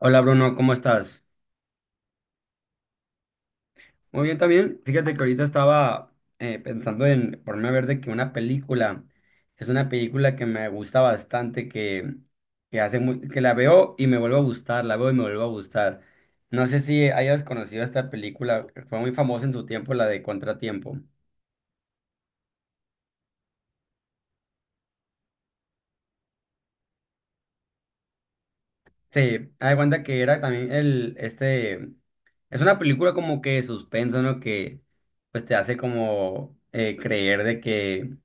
Hola Bruno, ¿cómo estás? Muy bien también. Fíjate que ahorita estaba pensando en ponerme a ver de que una película es una película que me gusta bastante, que hace que la veo y me vuelve a gustar, la veo y me vuelve a gustar. No sé si hayas conocido esta película, que fue muy famosa en su tiempo, la de Contratiempo. Sí, haz de cuenta que era también es una película como que de suspenso, ¿no? Que pues te hace como creer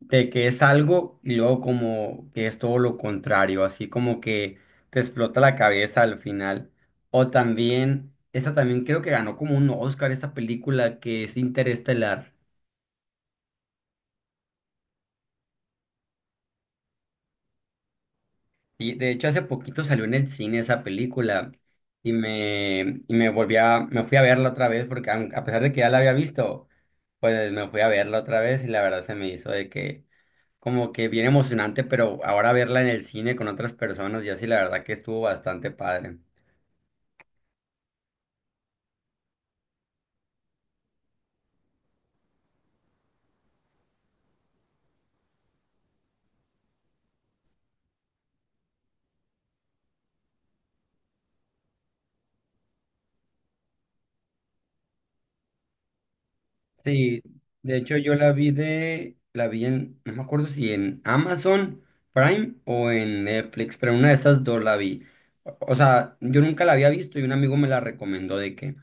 de que es algo y luego como que es todo lo contrario, así como que te explota la cabeza al final. O también, esa también creo que ganó como un Oscar esa película que es Interestelar. Y de hecho hace poquito salió en el cine esa película y me volví me fui a verla otra vez porque a pesar de que ya la había visto, pues me fui a verla otra vez y la verdad se me hizo de que como que bien emocionante, pero ahora verla en el cine con otras personas y así la verdad que estuvo bastante padre. Sí, de hecho yo la vi la vi en, no me acuerdo si en Amazon Prime o en Netflix, pero en una de esas dos la vi. O sea, yo nunca la había visto y un amigo me la recomendó de que,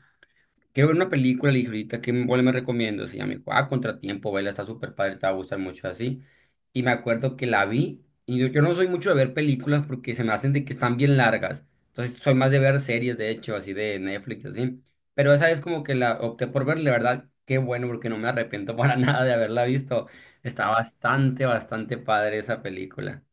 quiero ver una película, le dije ahorita, ¿cuál me recomiendas? Y ella me dijo, ah, Contratiempo, vela, está súper padre, te va a gustar mucho así. Y me acuerdo que la vi, y yo no soy mucho de ver películas porque se me hacen de que están bien largas. Entonces, soy más de ver series, de hecho, así de Netflix, así. Pero esa es como que la opté por verla, la verdad, qué bueno, porque no me arrepiento para nada de haberla visto. Está bastante, bastante padre esa película.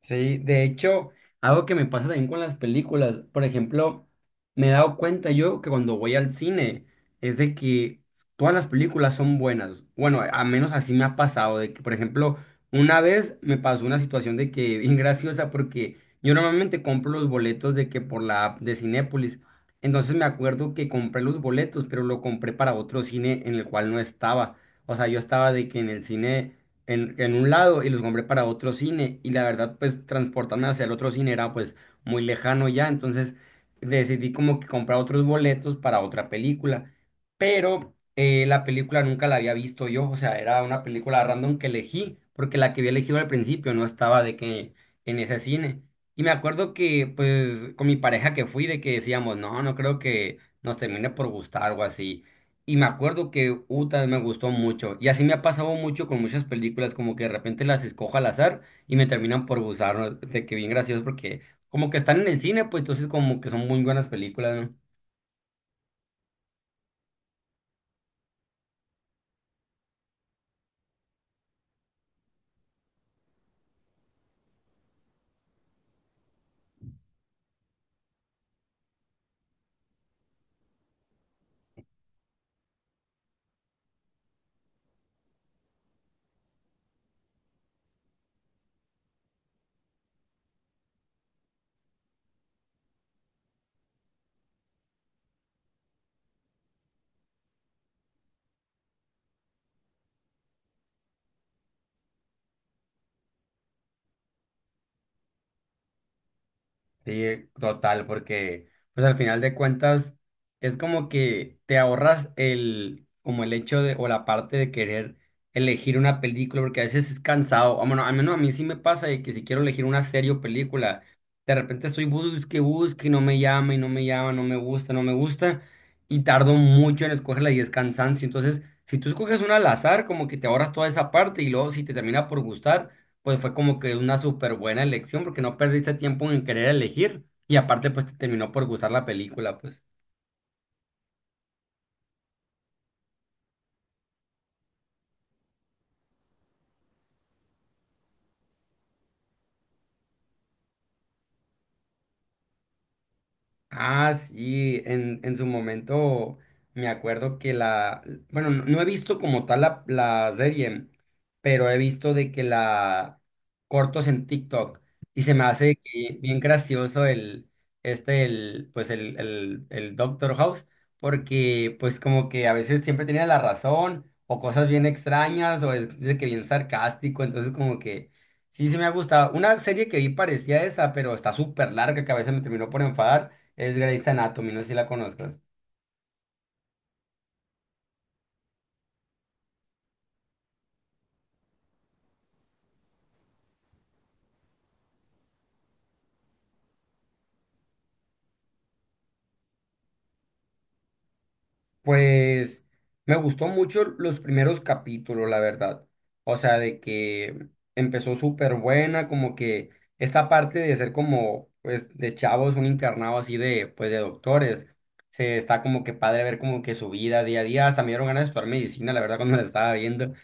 Sí, de hecho, algo que me pasa también con las películas, por ejemplo, me he dado cuenta yo que cuando voy al cine es de que todas las películas son buenas. Bueno, a menos así me ha pasado, de que, por ejemplo, una vez me pasó una situación de que bien graciosa porque yo normalmente compro los boletos de que por la app de Cinépolis. Entonces me acuerdo que compré los boletos, pero lo compré para otro cine en el cual no estaba. O sea, yo estaba de que en el cine en un lado y los compré para otro cine y la verdad pues transportarme hacia el otro cine era pues muy lejano ya, entonces decidí como que comprar otros boletos para otra película, pero la película nunca la había visto yo, o sea, era una película random que elegí porque la que había elegido al principio no estaba de que en ese cine. Y me acuerdo que pues con mi pareja que fui de que decíamos, no, no creo que nos termine por gustar o así. Y me acuerdo que Uta me gustó mucho. Y así me ha pasado mucho con muchas películas, como que de repente las escojo al azar y me terminan por gustar, ¿no? De que bien gracioso, porque como que están en el cine, pues entonces como que son muy buenas películas, ¿no? Sí, total, porque pues al final de cuentas es como que te ahorras como el hecho de, o la parte de querer elegir una película, porque a veces es cansado. Ah, bueno, al menos a mí sí me pasa de que si quiero elegir una serie o película, de repente estoy busque, busque, y no me llama, y no me llama, no me gusta, no me gusta, y tardo mucho en escogerla y es cansancio. Entonces, si tú escoges una al azar, como que te ahorras toda esa parte y luego si te termina por gustar pues fue como que una súper buena elección porque no perdiste tiempo en querer elegir y aparte pues te terminó por gustar la película, pues. Ah, sí, en su momento me acuerdo bueno, no he visto como tal la serie, pero he visto de que la cortos en TikTok y se me hace que bien gracioso el, este, el, pues el Doctor House, porque pues como que a veces siempre tenía la razón o cosas bien extrañas o es de que bien sarcástico, entonces como que sí me ha gustado. Una serie que vi parecía esa, pero está súper larga que a veces me terminó por enfadar es Grey's Anatomy, no sé si la conozcas. Pues me gustó mucho los primeros capítulos, la verdad. O sea, de que empezó súper buena, como que esta parte de ser como, pues, de chavos, un internado así de, pues, de doctores. Se está como que padre ver como que su vida día a día. Hasta me dieron ganas de estudiar medicina, la verdad, cuando la estaba viendo.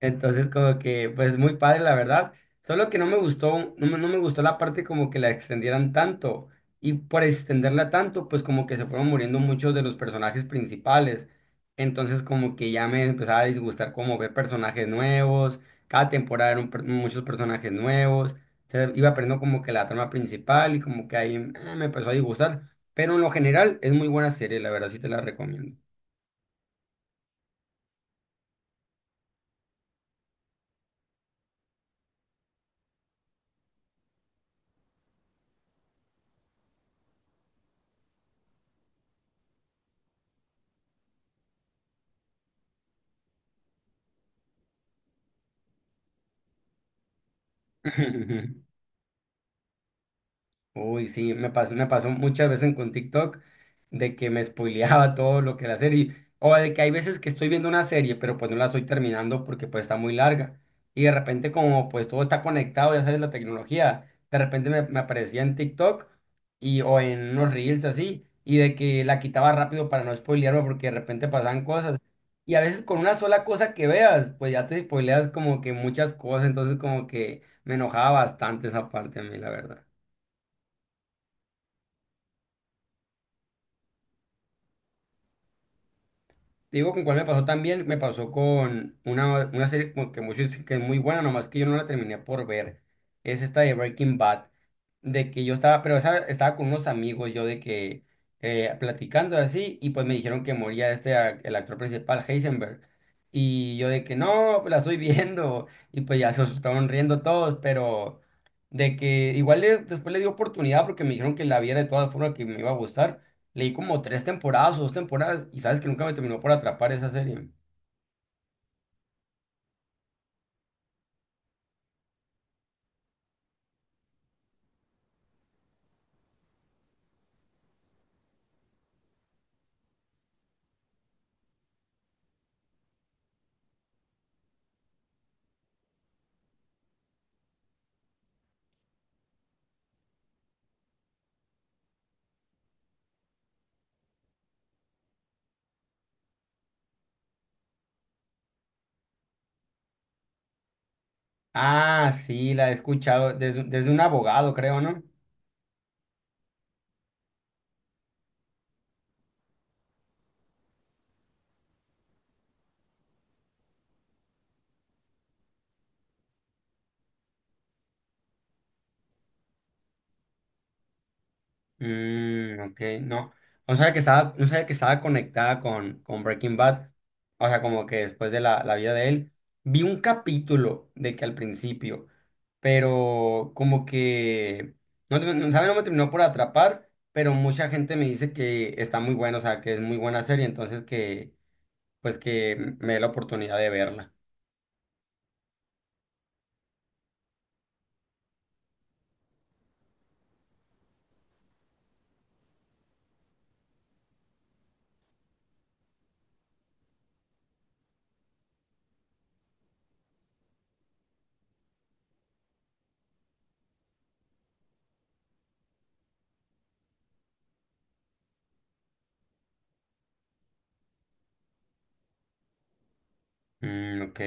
Entonces, como que, pues muy padre, la verdad. Solo que no me gustó, no me gustó la parte como que la extendieran tanto. Y por extenderla tanto, pues como que se fueron muriendo muchos de los personajes principales. Entonces, como que ya me empezaba a disgustar como ver personajes nuevos. Cada temporada eran muchos personajes nuevos. Se iba perdiendo como que la trama principal y como que ahí me empezó a disgustar. Pero en lo general es muy buena serie, la verdad, sí te la recomiendo. Uy, sí, me pasó muchas veces con TikTok de que me spoileaba todo lo que la serie, o de que hay veces que estoy viendo una serie, pero pues no la estoy terminando porque pues está muy larga, y de repente como pues todo está conectado, ya sabes, la tecnología, de repente me aparecía en TikTok y, o en unos reels así, y de que la quitaba rápido para no spoilearme porque de repente pasaban cosas, y a veces con una sola cosa que veas, pues ya te spoileas como que muchas cosas, entonces como que me enojaba bastante esa parte a mí, la verdad. Te digo, ¿con cuál me pasó también? Me pasó con una serie como que muchos dicen que es muy buena, nomás que yo no la terminé por ver. Es esta de Breaking Bad. De que yo estaba, pero estaba con unos amigos, yo de que platicando así, y pues me dijeron que moría este, el actor principal, Heisenberg. Y yo de que no, pues la estoy viendo. Y pues ya se estaban riendo todos, pero de que igual después le di oportunidad porque me dijeron que la viera de todas formas que me iba a gustar. Leí como tres temporadas o dos temporadas y sabes que nunca me terminó por atrapar esa serie. Ah, sí, la he escuchado desde un abogado, creo, ¿no? Mm, ok, no. No sabía que estaba, no sabía que estaba conectada con Breaking Bad. O sea, como que después de la vida de él. Vi un capítulo de que al principio, pero como que, ¿sabe? No me terminó por atrapar, pero mucha gente me dice que está muy bueno, o sea, que es muy buena serie, entonces que pues que me dé la oportunidad de verla. Mm, ok.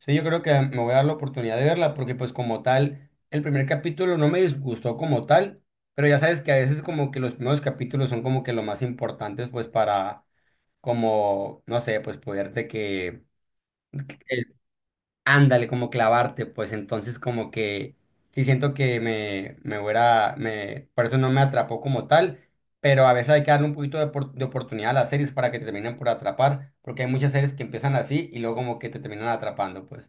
Sí, yo creo que me voy a dar la oportunidad de verla porque pues como tal, el primer capítulo no me disgustó como tal, pero ya sabes que a veces como que los primeros capítulos son como que lo más importantes pues para como, no sé, pues poderte que... Ándale, como clavarte, pues entonces como que sí siento que por eso no me atrapó como tal, pero a veces hay que darle un poquito de oportunidad a las series para que te terminen por atrapar, porque hay muchas series que empiezan así y luego como que te terminan atrapando, pues.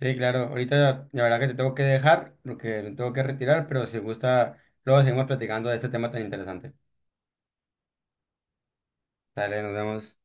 Sí, claro, ahorita la verdad que te tengo que dejar porque me tengo que retirar, pero si gusta, luego seguimos platicando de este tema tan interesante. Dale, nos vemos.